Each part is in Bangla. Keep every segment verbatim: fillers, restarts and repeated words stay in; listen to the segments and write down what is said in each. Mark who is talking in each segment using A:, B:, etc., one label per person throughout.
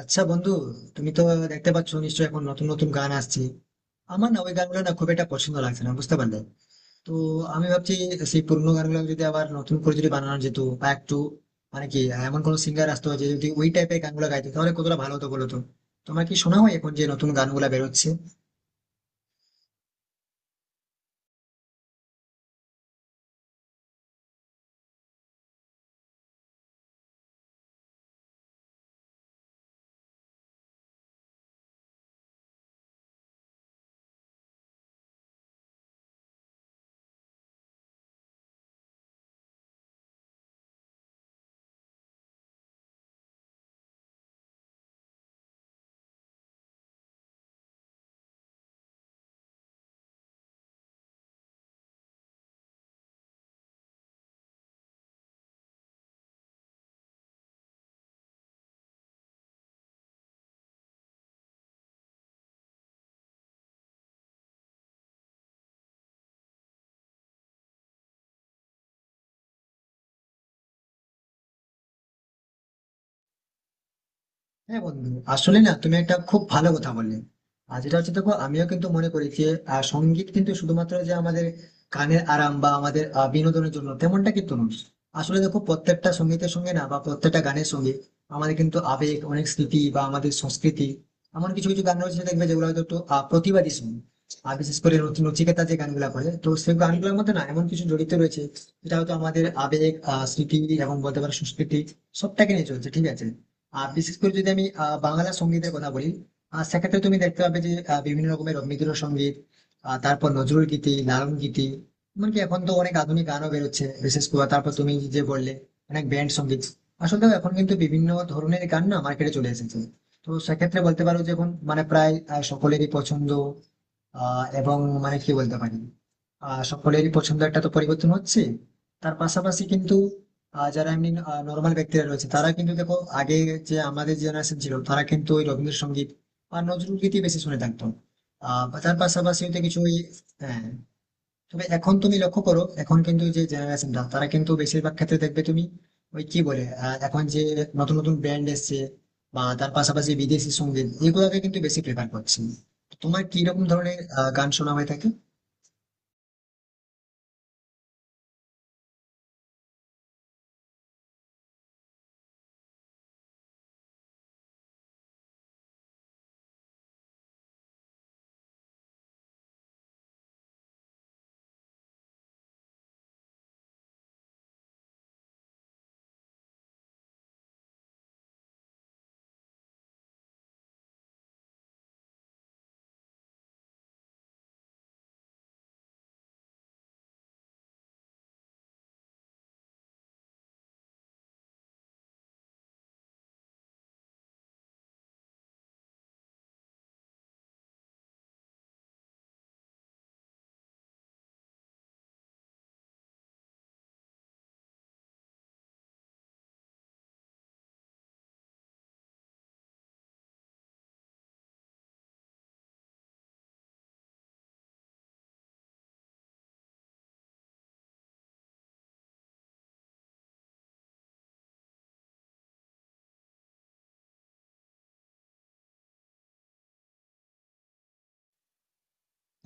A: আচ্ছা বন্ধু, তুমি তো দেখতে পাচ্ছ নিশ্চয়ই এখন নতুন নতুন গান আসছে। আমার না ওই গানগুলো না খুব একটা পছন্দ লাগছে না, বুঝতে পারলে? তো আমি ভাবছি সেই পুরোনো গানগুলো যদি আবার নতুন করে যদি বানানো যেত, বা একটু মানে কি এমন কোনো সিঙ্গার আসতো যে যদি ওই টাইপের গানগুলো গাইতো, তাহলে কতটা ভালো হতো বলো তো। তোমার কি শোনা হয় এখন যে নতুন গানগুলো বেরোচ্ছে? হ্যাঁ বন্ধু, আসলে না তুমি একটা খুব ভালো কথা বললে। আর যেটা হচ্ছে দেখো, আমিও কিন্তু মনে করি যে আহ, সঙ্গীত কিন্তু শুধুমাত্র যে আমাদের কানের আরাম বা আমাদের আহ, বিনোদনের জন্য তেমনটা কিন্তু নয়। আসলে দেখো, প্রত্যেকটা সঙ্গীতের সঙ্গে না, বা প্রত্যেকটা গানের সঙ্গে আমাদের কিন্তু আবেগ, অনেক স্মৃতি, বা আমাদের সংস্কৃতি। এমন কিছু কিছু গান রয়েছে দেখবে, যেগুলো হয়তো একটু আহ, প্রতিবাদী সঙ্গীত। আর বিশেষ করে নচ- নচিকেতা যে গানগুলা করে, তো সেই গানগুলোর মধ্যে না এমন কিছু জড়িত রয়েছে যেটা হয়তো আমাদের আবেগ, আহ, স্মৃতি এবং বলতে পারো সংস্কৃতি সবটাকে নিয়ে চলছে, ঠিক আছে? আহ, বিশেষ করে যদি আমি আহ, বাংলা সঙ্গীতের কথা বলি, আহ, সেক্ষেত্রে তুমি দেখতে পাবে যে আহ, বিভিন্ন রকমের রবীন্দ্রসঙ্গীত, আহ, তারপর নজরুল গীতি, লালন গীতি, এমনকি এখন তো অনেক আধুনিক গানও বেরোচ্ছে। বিশেষ করে তারপর তুমি যে বললে অনেক ব্যান্ড সঙ্গীত। আসলে দেখো, এখন কিন্তু বিভিন্ন ধরনের গান না মার্কেটে চলে এসেছে। তো সেক্ষেত্রে বলতে পারো যে এখন মানে প্রায় আহ, সকলেরই পছন্দ আহ, এবং মানে কি বলতে পারি, আহ, সকলেরই পছন্দ একটা তো পরিবর্তন হচ্ছে। তার পাশাপাশি কিন্তু আহ, যারা এমনি নর্মাল ব্যক্তিরা রয়েছে, তারা কিন্তু দেখো আগে, যে আমাদের জেনারেশন ছিল, তারা কিন্তু ওই রবীন্দ্রসঙ্গীত বা নজরুল গীতি বেশি শুনে থাকতো। আহ তার পাশাপাশি হয়তো কিছু ওই হ্যাঁ। তবে এখন তুমি লক্ষ্য করো, এখন কিন্তু যে জেনারেশনটা তারা কিন্তু বেশিরভাগ ক্ষেত্রে দেখবে তুমি ওই কি বলে, আহ, এখন যে নতুন নতুন ব্র্যান্ড এসছে বা তার পাশাপাশি বিদেশি সঙ্গীত, এগুলোকে কিন্তু বেশি প্রেফার করছে। তোমার কি রকম ধরনের আহ, গান শোনা হয়ে থাকে?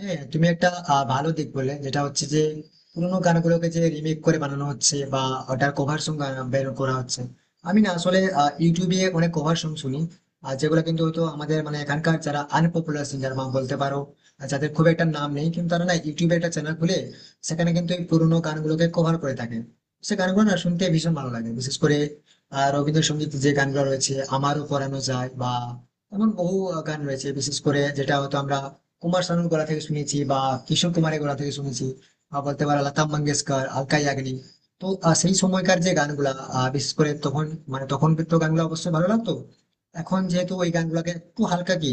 A: হ্যাঁ, তুমি একটা আহ, ভালো দিক বললে, যেটা হচ্ছে যে পুরোনো গানগুলোকে যে রিমেক করে বানানো হচ্ছে বা ওটার কভার সং বের করা হচ্ছে। আমি না আসলে আহ, ইউটিউবে অনেক কভার সং শুনি। আর যেগুলো কিন্তু হয়তো আমাদের মানে এখানকার যারা আনপপুলার সিঙ্গার বা বলতে পারো আর যাদের খুব একটা নাম নেই, কিন্তু তারা না ইউটিউবে একটা চ্যানেল খুলে সেখানে কিন্তু এই পুরোনো গানগুলোকে কভার করে থাকে। সে গানগুলো না শুনতে ভীষণ ভালো লাগে। বিশেষ করে আহ, রবীন্দ্রসঙ্গীত যে গানগুলো রয়েছে, আমারও পড়ানো যায় বা এমন বহু আহ, গান রয়েছে বিশেষ করে, যেটা হয়তো আমরা কুমার শানুর গলা থেকে শুনেছি বা কিশোর কুমারের গলা থেকে শুনেছি, বা বলতে পারো লতা মঙ্গেশকর, আলকা ইয়াগনিক। তো আহ, সেই সময়কার যে গানগুলা আহ, বিশেষ করে তখন, মানে তখন তো গানগুলো অবশ্যই ভালো লাগতো। এখন যেহেতু ওই গানগুলোকে একটু হালকা কি,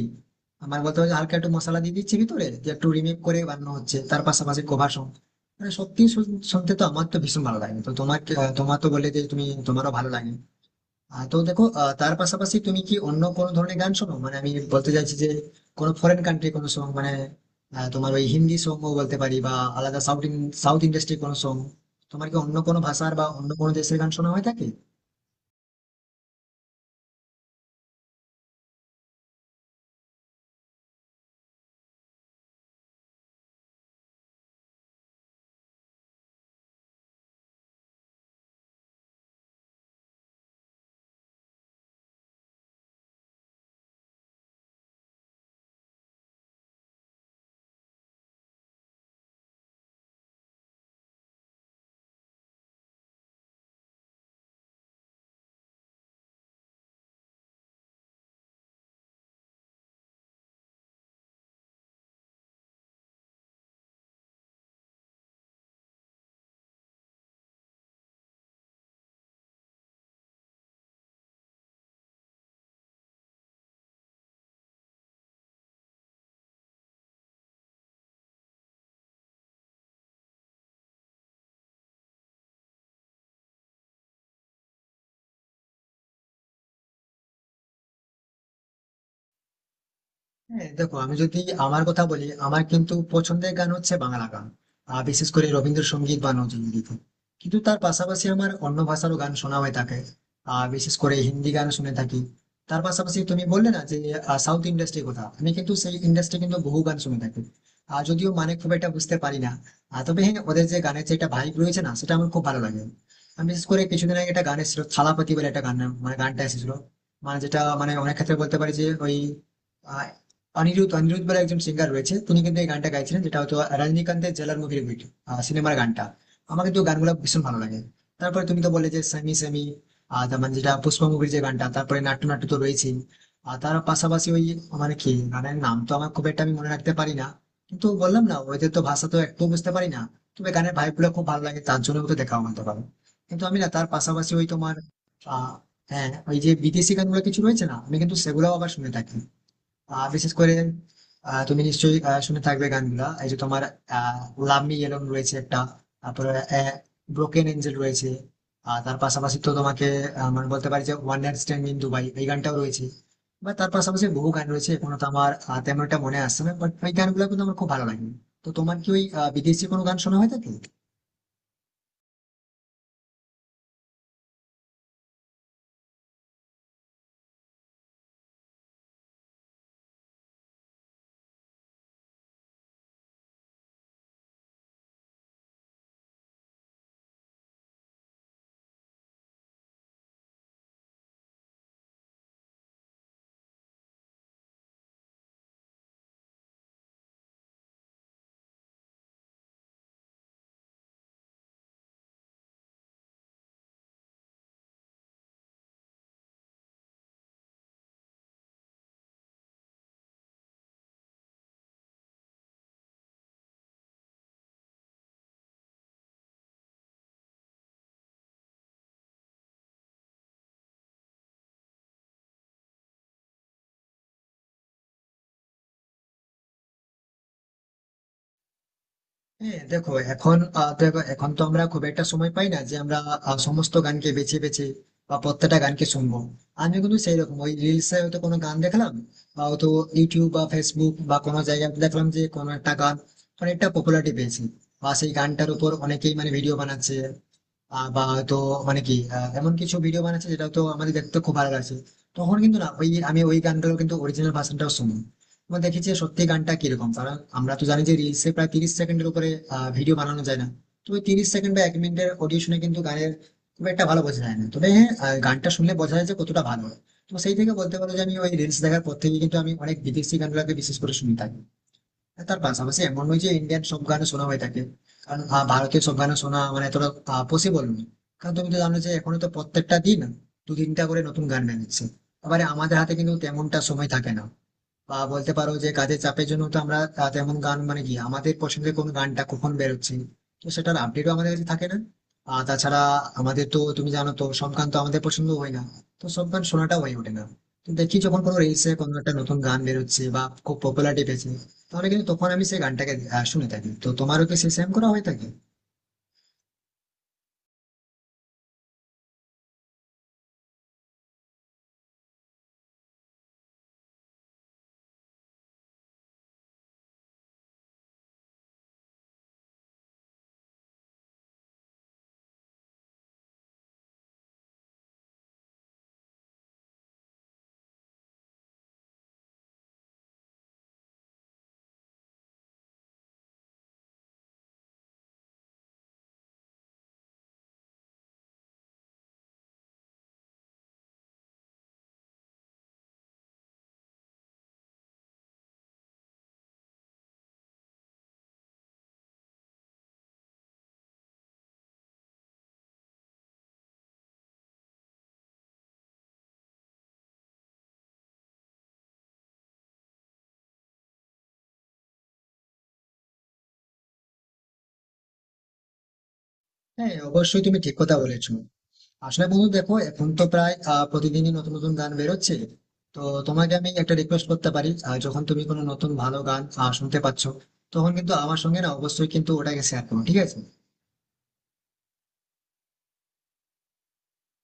A: আমার বলতে হবে যে হালকা একটু মশলা দিয়ে দিচ্ছে ভিতরে, যে একটু রিমেক করে বানানো হচ্ছে তার পাশাপাশি কভার সং, মানে সত্যি শুন- শুনতে তো আমার তো ভীষণ ভালো লাগে। তো তোমার কি- আহ, তোমার তো বলে যে তুমি, তোমারও ভালো লাগে। আহ, তো দেখো, আহ, তার পাশাপাশি তুমি কি অন্য কোন ধরনের গান শোনো? মানে আমি বলতে চাইছি যে কোনো ফরেন কান্ট্রি কোনো সং, মানে আহ, তোমার ওই হিন্দি সং বলতে পারি বা আলাদা সাউথ, সাউথ ইন্ডাস্ট্রি কোনো সং, তোমার কি অন্য কোনো ভাষার বা অন্য কোনো দেশের গান শোনা হয়ে থাকে? হ্যাঁ দেখো, আমি যদি আমার কথা বলি, আমার কিন্তু পছন্দের গান হচ্ছে বাংলা গান। আর বিশেষ করে রবীন্দ্রসঙ্গীত বা নজরুল গীতি। কিন্তু তার পাশাপাশি আমার অন্য ভাষারও গান শোনা হয়ে থাকে। আর বিশেষ করে হিন্দি গান শুনে থাকি। তার পাশাপাশি তুমি বললে না যে সাউথ ইন্ডাস্ট্রির কথা, আমি কিন্তু সেই ইন্ডাস্ট্রি কিন্তু বহু গান শুনে থাকি। আর যদিও মানে খুব একটা বুঝতে পারি না, আর তবে হ্যাঁ, ওদের যে গানের যে একটা ভাইব রয়েছে না, সেটা আমার খুব ভালো লাগে। আমি বিশেষ করে কিছুদিন আগে একটা গান এসেছিল, থালাপতি বলে একটা গান, মানে গানটা এসেছিল, মানে যেটা মানে অনেক ক্ষেত্রে বলতে পারি যে ওই অনিরুদ্ধ অনিরুদ্ধ বলে একজন সিঙ্গার রয়েছে, তিনি কিন্তু এই গানটা গাইছিলেন, যেটা হয়তো রজনীকান্তের জেলার মুখের ভিডিও সিনেমার গানটা। আমার কিন্তু গানগুলো ভীষণ ভালো লাগে। তারপরে তুমি তো বললে যে সেমি সেমি, আর তার মানে যেটা পুষ্পা মুভির যে গানটা, তারপরে নাট্য নাট্য তো রয়েছেই। আর তার পাশাপাশি ওই, মানে কি গানের নাম তো আমার খুব একটা আমি মনে রাখতে পারি না, কিন্তু বললাম না ওদের তো ভাষা তো একটু বুঝতে পারি না। তবে গানের ভাইব গুলো খুব ভালো লাগে, তার জন্য তো দেখা হতে পারে। কিন্তু আমি না তার পাশাপাশি ওই তোমার আহ, হ্যাঁ ওই যে বিদেশি গানগুলো কিছু রয়েছে না, আমি কিন্তু সেগুলোও আবার শুনে থাকি। আহ, বিশেষ করে আহ, তুমি নিশ্চয়ই আহ, শুনে থাকবে, গানগুলা এই যে তোমার লাভ মি ইয়েলোন রয়েছে একটা, তারপরে ব্রোকেন এঞ্জেল রয়েছে। আর তার পাশাপাশি তো তোমাকে আহ, মানে বলতে পারি যে one night stand in Dubai, এই গানটাও রয়েছে। বা তার পাশাপাশি বহু গান রয়েছে, এখনো তো আমার আহ, তেমন একটা মনে আসছে না, বাট ওই গানগুলো কিন্তু আমার খুব ভালো লাগে। তো তোমার কি ওই আহ, বিদেশি কোনো গান শোনা হয়ে থাকে? হ্যাঁ দেখো, এখন আহ, দেখো এখন তো আমরা খুব একটা সময় পাই না যে আমরা আহ, সমস্ত গানকে বেছে বেছে বা প্রত্যেকটা গানকে শুনবো। আমি কিন্তু সেই রকম ওই রিলসে হয়তো কোনো গান দেখলাম, বা হয়তো ইউটিউব বা ফেসবুক বা কোনো জায়গায় দেখলাম যে কোনো একটা গান অনেকটা পপুলারিটি পেয়েছে, বা সেই গানটার উপর অনেকেই মানে ভিডিও বানাচ্ছে, আহ, বা হয়তো মানে কি আহ, এমন কিছু ভিডিও বানাচ্ছে যেটা তো আমাদের দেখতে খুব ভালো লাগছে। তখন কিন্তু না ওই আমি ওই গানটারও কিন্তু অরিজিনাল ভার্সনটাও শুনি এবং দেখেছি সত্যি গানটা কিরকম। কারণ আমরা তো জানি যে রিলসে প্রায় তিরিশ সেকেন্ডের উপরে ভিডিও বানানো যায় না। তো ওই তিরিশ সেকেন্ড বা এক মিনিটের অডিও শুনে কিন্তু গানের খুব একটা ভালো বোঝা যায় না। তবে হ্যাঁ, আহ, গানটা শুনলে বোঝা যায় যে কতটা ভালো হয়। তো সেই থেকে বলতে পারো যে আমি ওই রিলস দেখার পর থেকে কিন্তু আমি অনেক বিদেশি গানগুলোকে বিশেষ করে শুনে থাকি। তার পাশাপাশি এমন নয় যে ইন্ডিয়ান সব গান শোনা হয়ে থাকে, কারণ আহ, ভারতীয় সব গান শোনা মানে এতটা পসিবল নয়। কারণ তুমি তো জানো যে এখনো তো প্রত্যেকটা দিন দু তিনটা করে নতুন গান বেরোচ্ছে, আবার আমাদের হাতে কিন্তু তেমনটা সময় থাকে না। বা বলতে পারো যে কাজের চাপের জন্য তো আমরা আহ, তেমন গান মানে কি, আমাদের পছন্দের কোন গানটা কখন বেরোচ্ছে, তো সেটার আপডেটও আমাদের কাছে থাকে না। আর তাছাড়া আমাদের তো তুমি জানো তো সব গান তো আমাদের পছন্দ হয় না, তো সব গান শোনাটা হয়ে ওঠে না। তো দেখি যখন কোনো রিলসে কোনো একটা নতুন গান বেরোচ্ছে বা খুব পপুলারিটি পেয়েছে, তাহলে কিন্তু তখন আমি সেই গানটাকে আহ, শুনে থাকি। তো তোমারও কি সেই সেম করা হয়ে থাকে? হ্যাঁ অবশ্যই, তুমি ঠিক কথা বলেছো। আসলে বন্ধু দেখো, এখন তো প্রায় আহ, প্রতিদিনই নতুন নতুন গান বেরোচ্ছে। তো তোমাকে আমি একটা রিকোয়েস্ট করতে পারি, আহ, যখন তুমি কোনো নতুন ভালো গান আহ, শুনতে পাচ্ছ, তখন কিন্তু আমার সঙ্গে না অবশ্যই কিন্তু ওটাকে শেয়ার করো, ঠিক আছে?